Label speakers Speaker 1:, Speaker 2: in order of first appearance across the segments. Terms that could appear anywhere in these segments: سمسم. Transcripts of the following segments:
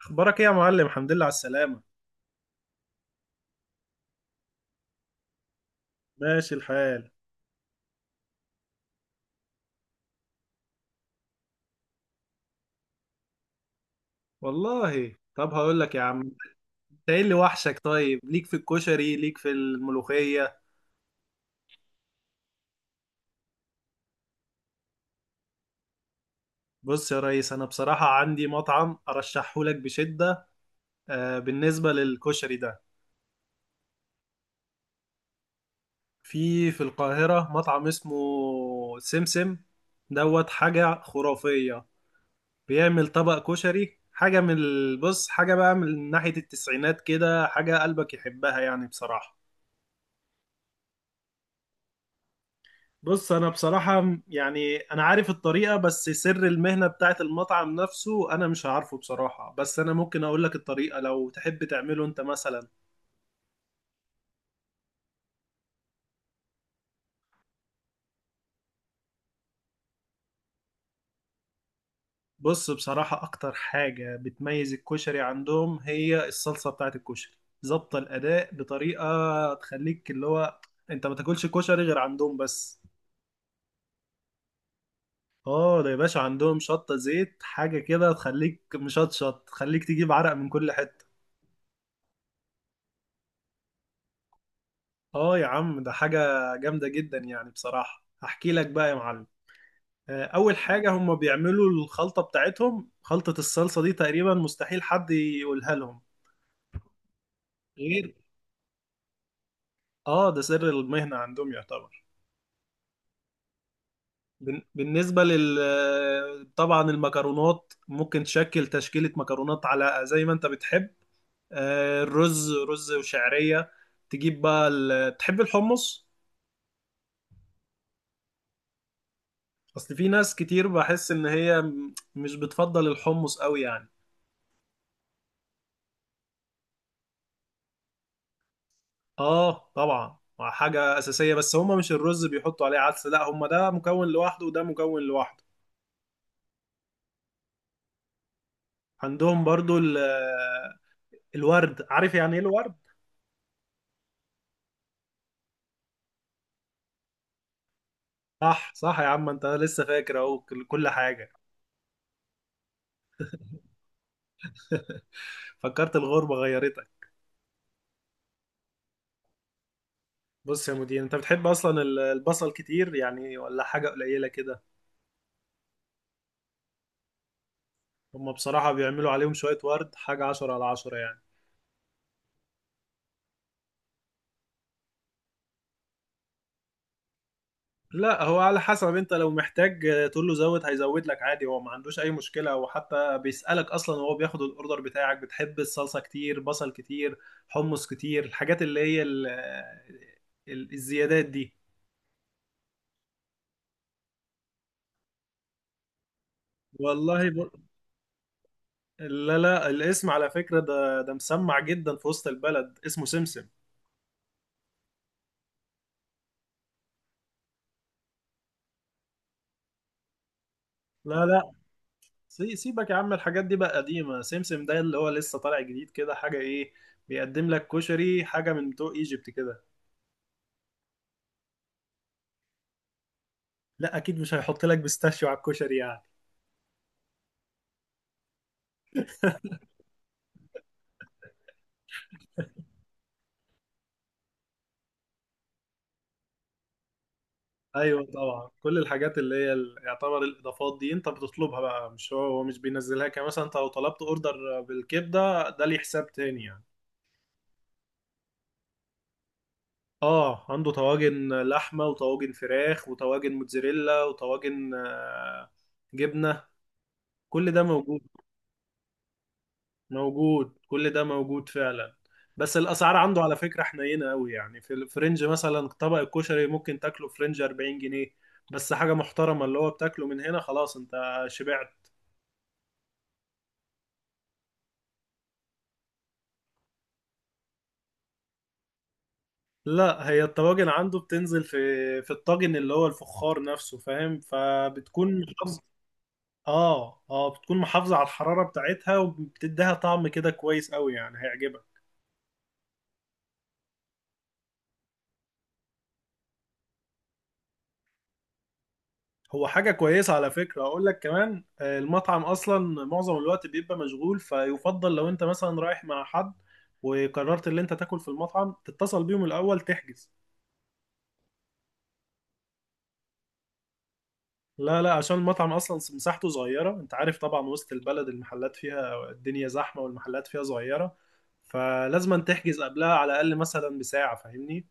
Speaker 1: اخبارك ايه يا معلم؟ الحمد لله على السلامه. ماشي الحال. والله طب هقول لك يا عم. انت ايه اللي وحشك؟ طيب، ليك في الكشري ليك في الملوخيه؟ بص يا ريس، انا بصراحه عندي مطعم ارشحه لك بشده. آه، بالنسبه للكشري ده، في القاهره مطعم اسمه سمسم دوت. حاجه خرافيه. بيعمل طبق كشري حاجه من البص، حاجه بقى من ناحيه التسعينات كده، حاجه قلبك يحبها يعني بصراحه. بص، انا بصراحة يعني انا عارف الطريقة، بس سر المهنة بتاعت المطعم نفسه انا مش عارفه بصراحة، بس انا ممكن اقول لك الطريقة لو تحب تعمله انت مثلا. بص بصراحة، اكتر حاجة بتميز الكشري عندهم هي الصلصة بتاعت الكشري، ظابطة الاداء بطريقة تخليك اللي هو انت ما تاكلش كشري غير عندهم بس. اه ده يا باشا عندهم شطة زيت، حاجة كده تخليك مشطشط، تخليك تجيب عرق من كل حتة. اه يا عم، ده حاجة جامدة جدا، يعني بصراحة هحكي لك بقى يا معلم. اول حاجة هم بيعملوا الخلطة بتاعتهم. خلطة الصلصة دي تقريبا مستحيل حد يقولها لهم، غير. اه ده سر المهنة عندهم يعتبر. بالنسبة لل طبعا المكرونات ممكن تشكل تشكيلة مكرونات على زي ما انت بتحب. الرز، رز وشعرية. تجيب بقى تحب الحمص؟ اصل في ناس كتير بحس ان هي مش بتفضل الحمص قوي يعني. اه طبعا، مع حاجة أساسية، بس هما مش الرز بيحطوا عليه عدس، لا، هما ده مكون لوحده وده مكون لوحده. عندهم برضو الورد. عارف يعني ايه الورد؟ صح صح يا عم، انت لسه فاكر اهو كل كل حاجة. فكرت الغربة غيرتك. بص يا مدير، انت بتحب اصلا البصل كتير يعني ولا حاجة قليلة كده؟ هما بصراحة بيعملوا عليهم شوية ورد، حاجة عشرة على عشرة يعني. لا هو على حسب، انت لو محتاج تقول له زود هيزود لك عادي، هو ما عندوش اي مشكلة، وحتى بيسألك اصلا وهو بياخد الاوردر بتاعك: بتحب الصلصة كتير، بصل كتير، حمص كتير، الحاجات اللي هي الزيادات دي. والله ب... لا لا، الاسم على فكرة، ده مسمع جدا في وسط البلد، اسمه سمسم. لا لا، سيبك يا عم، الحاجات دي بقى قديمة. سمسم ده اللي هو لسه طالع جديد كده، حاجة ايه، بيقدم لك كشري حاجة من بتوع ايجيبت كده. لا اكيد مش هيحط لك بيستاشيو على الكشري يعني. ايوه طبعا، كل الحاجات اللي هي يعتبر الاضافات دي انت بتطلبها بقى، مش هو مش بينزلها كده. مثلا انت لو طلبت اوردر بالكبده ده ليه حساب تاني يعني. اه، عنده طواجن لحمه، وطواجن فراخ، وطواجن موتزاريلا، وطواجن جبنه. كل ده موجود. موجود، كل ده موجود فعلا. بس الاسعار عنده على فكره حنينه قوي يعني، في الفرنج مثلا طبق الكشري ممكن تاكله فرنج 40 جنيه، بس حاجه محترمه اللي هو بتاكله من هنا خلاص، انت شبعت. لا هي الطواجن عنده بتنزل في الطاجن اللي هو الفخار نفسه، فاهم؟ فبتكون محافظة. اه اه، بتكون محافظة على الحرارة بتاعتها، وبتديها طعم كده كويس قوي، يعني هيعجبك. هو حاجة كويسة على فكرة، أقول لك كمان، المطعم أصلا معظم الوقت بيبقى مشغول، فيفضل لو أنت مثلا رايح مع حد وقررت اللي أنت تاكل في المطعم، تتصل بيهم الأول تحجز. لا لا، عشان المطعم اصلا مساحته صغيره، انت عارف طبعا وسط البلد المحلات فيها الدنيا زحمه والمحلات فيها صغيره، فلازم أن تحجز قبلها على الاقل مثلا بساعه، فاهمني؟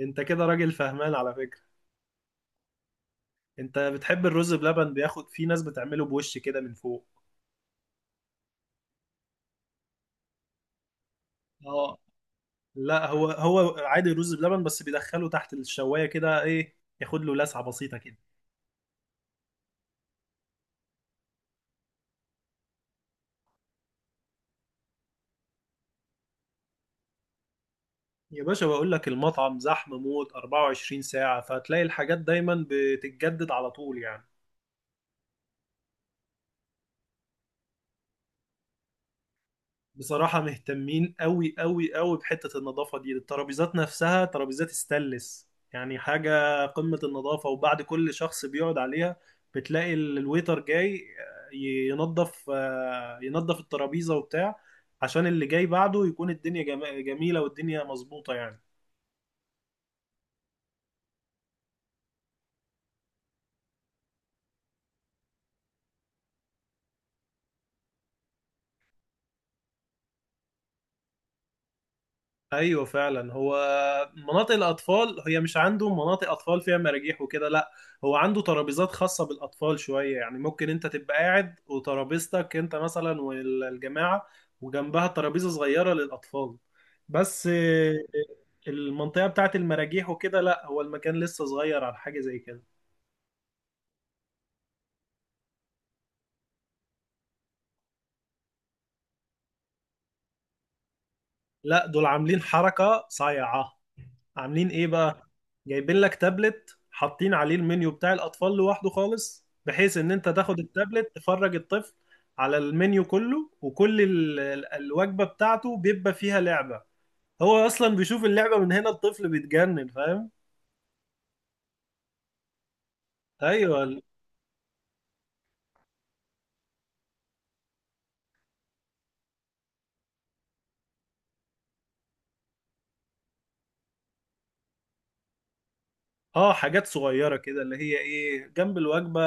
Speaker 1: انت كده راجل فهمان على فكره. انت بتحب الرز بلبن؟ بياخد في ناس بتعمله بوش كده من فوق. اه. لا هو عادي رز بلبن، بس بيدخله تحت الشوايه كده، ايه، ياخد له لسعه بسيطه كده. يا باشا بقول لك المطعم زحمه موت 24 ساعه، فهتلاقي الحاجات دايما بتتجدد على طول يعني. بصراحة مهتمين قوي قوي قوي بحتة النظافة دي، الترابيزات نفسها ترابيزات استانلس يعني حاجة قمة النظافة، وبعد كل شخص بيقعد عليها بتلاقي الويتر جاي ينظف ينظف الترابيزة وبتاع، عشان اللي جاي بعده يكون الدنيا جميلة والدنيا مظبوطة يعني. ايوه فعلا، هو مناطق الاطفال هي مش عنده مناطق اطفال فيها مراجيح وكده، لا. هو عنده ترابيزات خاصه بالاطفال شويه، يعني ممكن انت تبقى قاعد وترابيزتك انت مثلا والجماعه، وجنبها ترابيزه صغيره للاطفال. بس المنطقه بتاعت المراجيح وكده لا، هو المكان لسه صغير على حاجه زي كده. لا دول عاملين حركه صايعه. عاملين ايه بقى؟ جايبين لك تابلت حاطين عليه المنيو بتاع الاطفال لوحده خالص، بحيث ان انت تاخد التابلت تفرج الطفل على المنيو كله، وكل الوجبة بتاعته بيبقى فيها لعبة. هو اصلا بيشوف اللعبة من هنا الطفل بيتجنن، فاهم؟ ايوه اه، حاجات صغيرة كده اللي هي ايه، جنب الوجبة،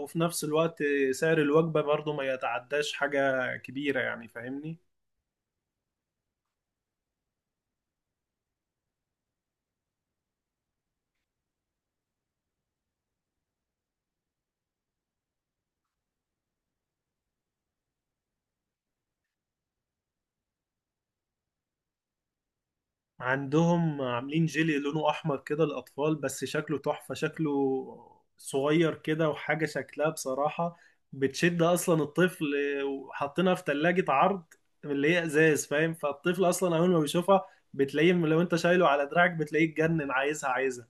Speaker 1: وفي نفس الوقت سعر الوجبة برضه ما يتعداش حاجة كبيرة يعني، فاهمني؟ عندهم عاملين جيلي لونه احمر كده للاطفال، بس شكله تحفة، شكله صغير كده، وحاجة شكلها بصراحة بتشد اصلا الطفل، وحاطينها في ثلاجة عرض اللي هي ازاز، فاهم؟ فالطفل اصلا اول ما بيشوفها، بتلاقيه لو انت شايله على دراعك، بتلاقيه اتجنن، عايزها عايزها.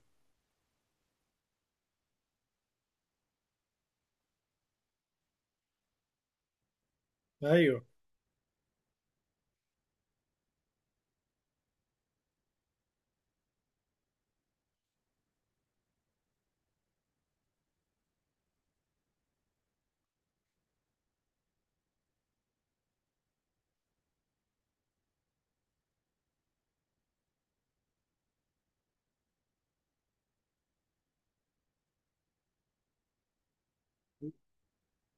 Speaker 1: ايوه.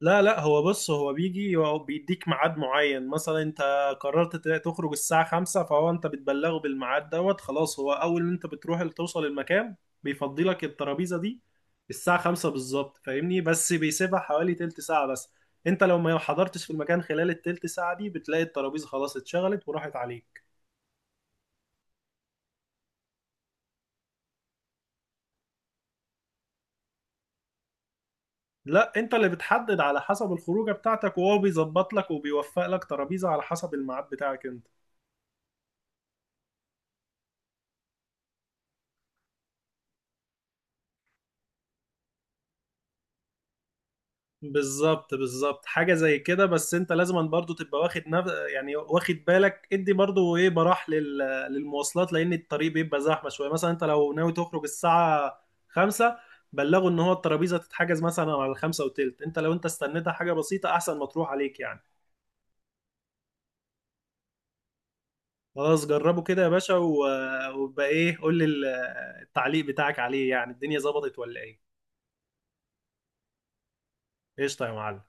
Speaker 1: لا لا، هو بص، هو بيجي، هو بيديك ميعاد معين، مثلا انت قررت تخرج الساعة خمسة، فهو انت بتبلغه بالميعاد دوت خلاص، هو اول ما انت بتروح توصل المكان بيفضي لك الترابيزة دي الساعة خمسة بالظبط، فاهمني؟ بس بيسيبها حوالي تلت ساعة بس، انت لو ما حضرتش في المكان خلال التلت ساعة دي بتلاقي الترابيزة خلاص اتشغلت وراحت عليك. لا انت اللي بتحدد على حسب الخروجة بتاعتك، وهو بيظبط لك وبيوفق لك ترابيزة على حسب الميعاد بتاعك انت. بالظبط بالظبط، حاجة زي كده، بس انت لازم برضو تبقى واخد يعني واخد بالك ادي برضو ايه براح للمواصلات، لان الطريق بيبقى زحمة شوية، مثلا انت لو ناوي تخرج الساعة خمسة، بلغه ان هو الترابيزة تتحجز مثلا على الخمسة وتلت، انت لو استنيتها حاجة بسيطة احسن ما تروح عليك يعني. خلاص جربه كده يا باشا وبقى ايه، قول لي التعليق بتاعك عليه، يعني الدنيا ظبطت ولا ايه؟ قشطة يا معلم.